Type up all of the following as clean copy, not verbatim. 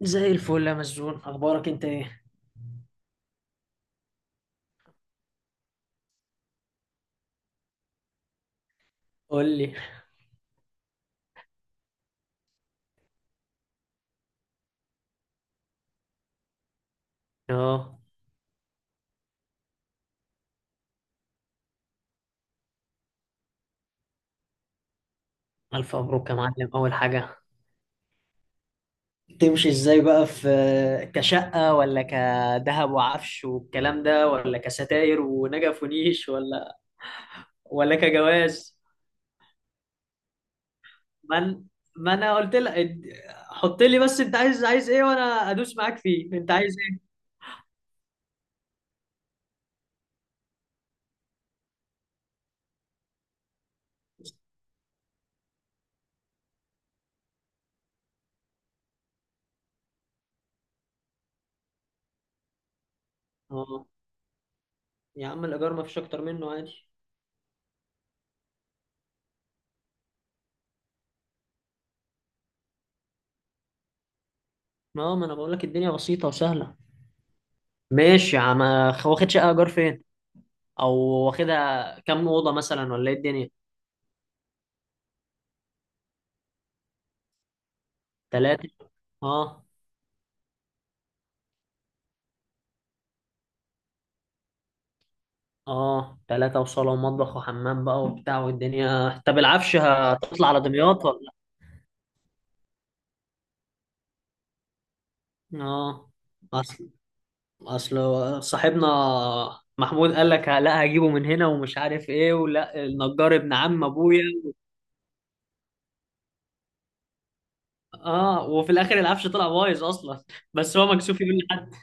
زي الفل يا مسجون، اخبارك انت ايه؟ قول لي. اه، الف مبروك يا معلم. اول حاجه، تمشي ازاي بقى؟ في كشقه، ولا كذهب وعفش والكلام ده، ولا كستاير ونجف ونيش، ولا كجواز؟ من، ما انا قلت لك حط لي بس انت عايز، عايز ايه، وانا ادوس معاك فيه. انت عايز ايه؟ اه، يا عم الايجار ما فيش اكتر منه، عادي. ما هو ما انا بقول لك الدنيا بسيطه وسهله. ماشي يا عم، واخد شقه ايجار فين؟ او واخدها كام اوضه مثلا، ولا ايه الدنيا؟ ثلاثه، اه. اه، ثلاثه وصاله ومطبخ وحمام بقى وبتاع والدنيا، طب العفش هتطلع على دمياط ولا؟ اه. اصل اصل صاحبنا محمود قال لك لا هجيبه من هنا ومش عارف ايه، ولا النجار ابن عم ابويا. اه، وفي الاخر العفش طلع بايظ اصلا بس هو مكسوف يقول لحد.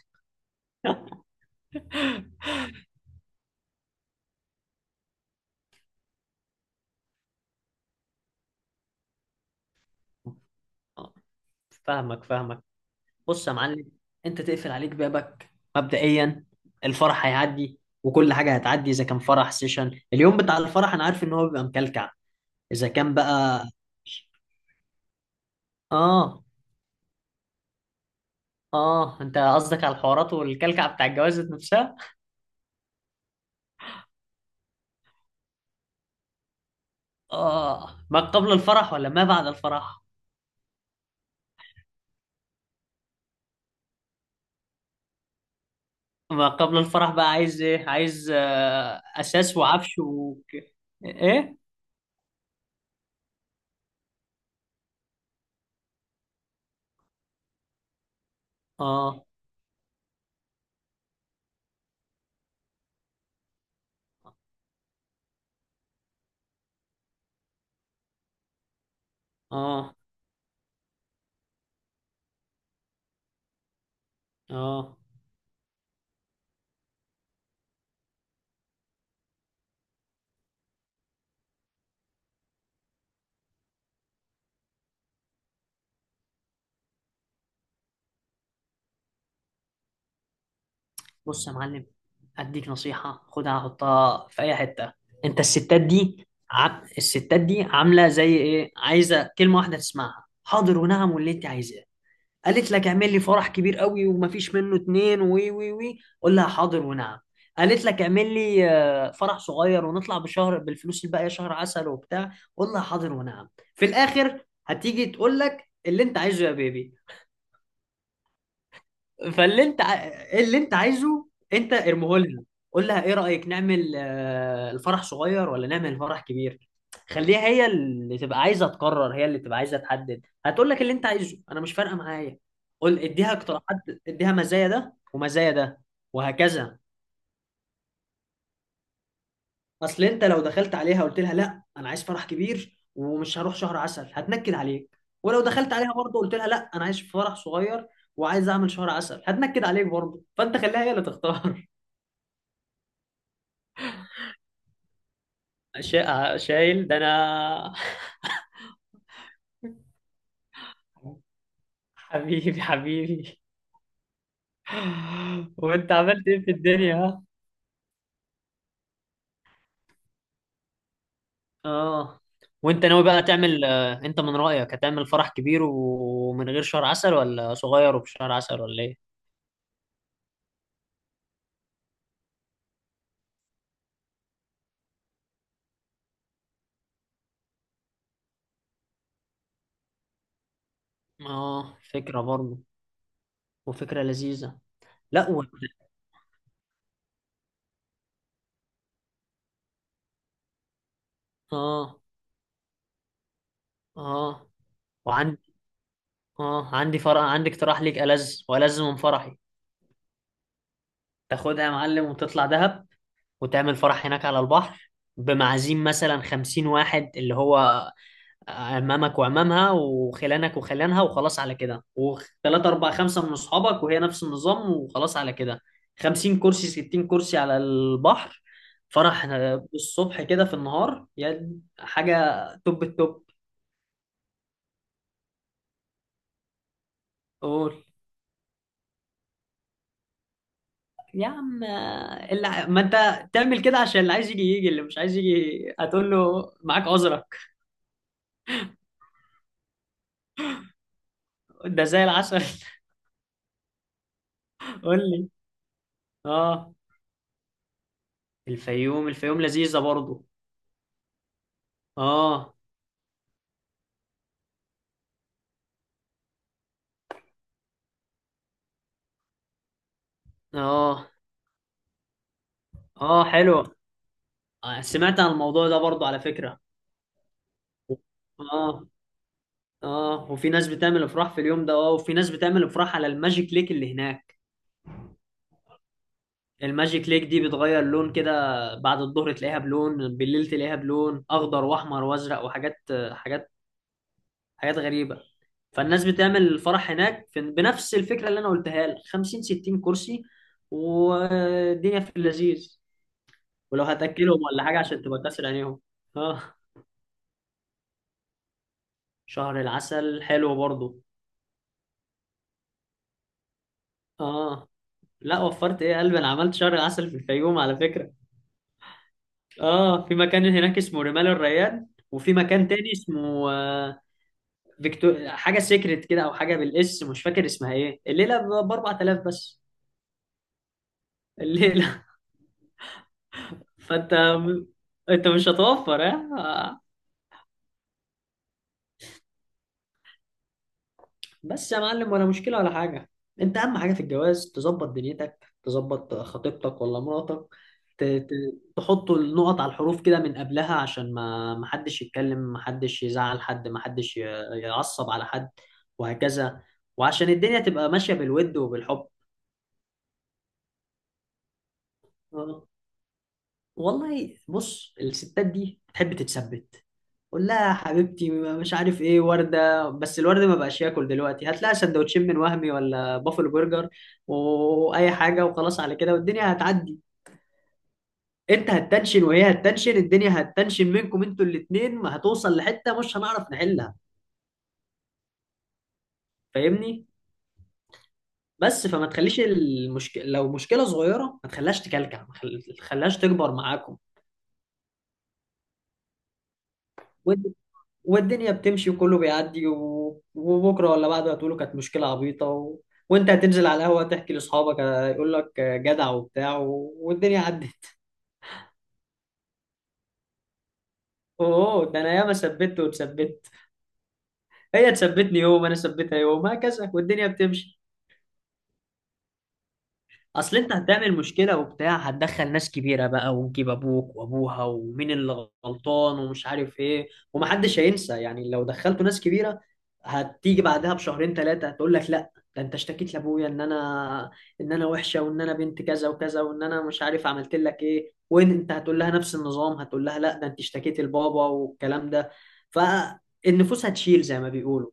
فاهمك. بص يا معلم، انت تقفل عليك بابك مبدئيا. الفرح هيعدي وكل حاجه هتعدي. اذا كان فرح سيشن، اليوم بتاع الفرح انا عارف ان هو بيبقى مكلكع. اذا كان بقى، اه. اه، انت قصدك على الحوارات والكلكع بتاع الجواز نفسها. اه، ما قبل الفرح ولا ما بعد الفرح؟ ما قبل الفرح بقى، عايز ايه؟ عايز اساس وعفش ايه؟ اه، اه، اه. بص يا معلم، اديك نصيحه خدها حطها في اي حته. انت الستات دي الستات دي عامله زي ايه؟ عايزه كلمه واحده تسمعها: حاضر ونعم واللي انت عايزاه. قالت لك اعمل لي فرح كبير قوي ومفيش منه اتنين، وي وي وي، قول لها حاضر ونعم. قالت لك اعمل لي، فرح صغير ونطلع بشهر بالفلوس الباقيه شهر عسل وبتاع، قول لها حاضر ونعم. في الاخر هتيجي تقول لك اللي انت عايزه يا بيبي. فاللي انت ع- اللي انت عايزه انت ارميه لها. قول لها ايه رأيك، نعمل الفرح صغير ولا نعمل الفرح كبير؟ خليها هي اللي تبقى عايزة تقرر، هي اللي تبقى عايزة تحدد. هتقول لك اللي انت عايزه، انا مش فارقة معايا. قول، اديها اقتراحات، اديها مزايا ده ومزايا ده، وهكذا. اصل انت لو دخلت عليها قلت لها لا انا عايز فرح كبير ومش هروح شهر عسل، هتنكد عليك. ولو دخلت عليها برضه قلت لها لا انا عايز فرح صغير وعايز اعمل شهر عسل، هتنكد عليك برضه. فانت خليها هي اللي تختار. شايل ده انا. حبيبي حبيبي. وانت عملت ايه في الدنيا، ها؟ اه. وانت ناوي بقى تعمل، انت من رأيك هتعمل فرح كبير ومن غير شهر عسل، ولا صغير وبشهر عسل، ولا ايه؟ اه، فكرة برضه. وفكرة لذيذة. لا اه، اه. وعندي، اه، عندي فرح، عندي اقتراح ليك ألذ وألذ من فرحي. تاخدها يا معلم وتطلع دهب، وتعمل فرح هناك على البحر، بمعازيم مثلا خمسين واحد، اللي هو عمامك وعمامها وخلانك وخلانها وخلاص على كده، وثلاثة أربعة خمسة من أصحابك، وهي نفس النظام وخلاص على كده. خمسين كرسي ستين كرسي على البحر. فرح، الصبح كده في النهار، يعني حاجة توب التوب. قول يا عم، ما انت تعمل كده عشان اللي عايز يجي يجي، اللي مش عايز يجي هتقول له معاك عذرك. ده زي العسل. قول لي. اه، الفيوم، الفيوم لذيذة برضو. اه، اه، اه، حلو. سمعت عن الموضوع ده برضو على فكرة. اه، اه، وفي ناس بتعمل افراح في اليوم ده. اه، وفي ناس بتعمل افراح على الماجيك ليك اللي هناك. الماجيك ليك دي بتغير لون كده. بعد الظهر تلاقيها بلون، بالليل تلاقيها بلون اخضر واحمر وازرق وحاجات، حاجات، حاجات غريبة. فالناس بتعمل الفرح هناك في بنفس الفكرة اللي انا قلتها لك، 50 60 كرسي، والدنيا في اللذيذ. ولو هتاكلهم ولا حاجة عشان تبقى كاسر عينيهم. اه، شهر العسل حلو برضو. اه، لا وفرت ايه يا قلبي، انا عملت شهر عسل في الفيوم على فكره. اه، في مكان هناك اسمه رمال الريان، وفي مكان تاني اسمه، فيكتور حاجه سيكريت كده، او حاجه بالاس مش فاكر اسمها ايه، الليله ب 4000 بس. الليله. فانت، انت مش هتوفر. اه. بس يا معلم، ولا مشكلة ولا حاجة. انت اهم حاجة في الجواز تظبط دنيتك، تظبط خطيبتك ولا مراتك. تحط النقط على الحروف كده من قبلها، عشان ما محدش يتكلم، محدش يزعل حد، محدش يعصب على حد، وهكذا. وعشان الدنيا تبقى ماشية بالود وبالحب. اه. والله بص، الستات دي بتحب تتثبت. قول لها يا حبيبتي، مش عارف ايه ورده، بس الورده ما بقاش ياكل دلوقتي، هات لها سندوتشين من وهمي ولا بافل برجر واي حاجه، وخلاص على كده والدنيا هتعدي. انت هتتنشن وهي هتتنشن، الدنيا هتتنشن منكم انتوا الاتنين، هتوصل لحته مش هنعرف نحلها. فاهمني؟ بس فما تخليش المشكله، لو مشكله صغيره ما تخليهاش تكلكع، ما تخليهاش تكبر معاكم. والدنيا بتمشي وكله بيعدي، وبكره ولا بعده هتقولوا كانت مشكله عبيطه وانت هتنزل على القهوه تحكي لاصحابك، يقول لك، جدع وبتاع والدنيا عدت. اوه، ده انا ياما ثبت واتثبت. هي تثبتني يوم، انا ثبتها يوم، هكذا والدنيا بتمشي. اصل انت هتعمل مشكله وبتاع، هتدخل ناس كبيره بقى، ونجيب ابوك وابوها، ومين اللي غلطان ومش عارف ايه، ومحدش هينسى. يعني لو دخلتوا ناس كبيره، هتيجي بعدها بشهرين ثلاثه هتقول لك لا، ده انت اشتكيت لابويا ان انا وحشه، وان انا بنت كذا وكذا، وان انا مش عارف عملت لك ايه. وان انت هتقول لها نفس النظام، هتقول لها لا ده انت اشتكيت لبابا والكلام ده. فالنفوس هتشيل زي ما بيقولوا.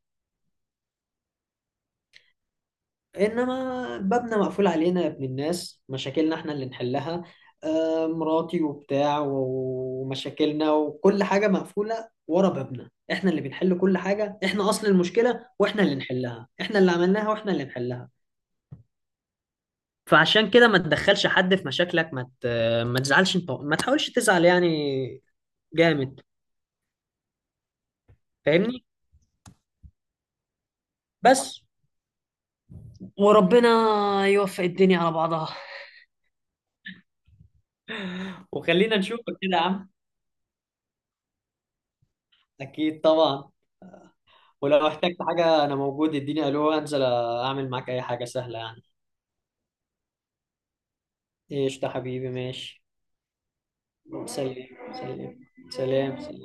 انما بابنا مقفول علينا يا ابن الناس، مشاكلنا احنا اللي نحلها. مراتي وبتاع ومشاكلنا وكل حاجة مقفولة ورا بابنا، احنا اللي بنحل كل حاجة. احنا اصل المشكلة واحنا اللي نحلها، احنا اللي عملناها واحنا اللي نحلها. فعشان كده ما تدخلش حد في مشاكلك. ما تزعلش انت، ما تحاولش تزعل يعني. جامد. فاهمني؟ بس، وربنا يوفق الدنيا على بعضها. وخلينا نشوفك كده يا عم. اكيد طبعا. ولو احتجت حاجة أنا موجود، اديني ألو أنزل أعمل معاك أي حاجة سهلة يعني. قشطة حبيبي، ماشي. سلام. سلام. سلام، سلام.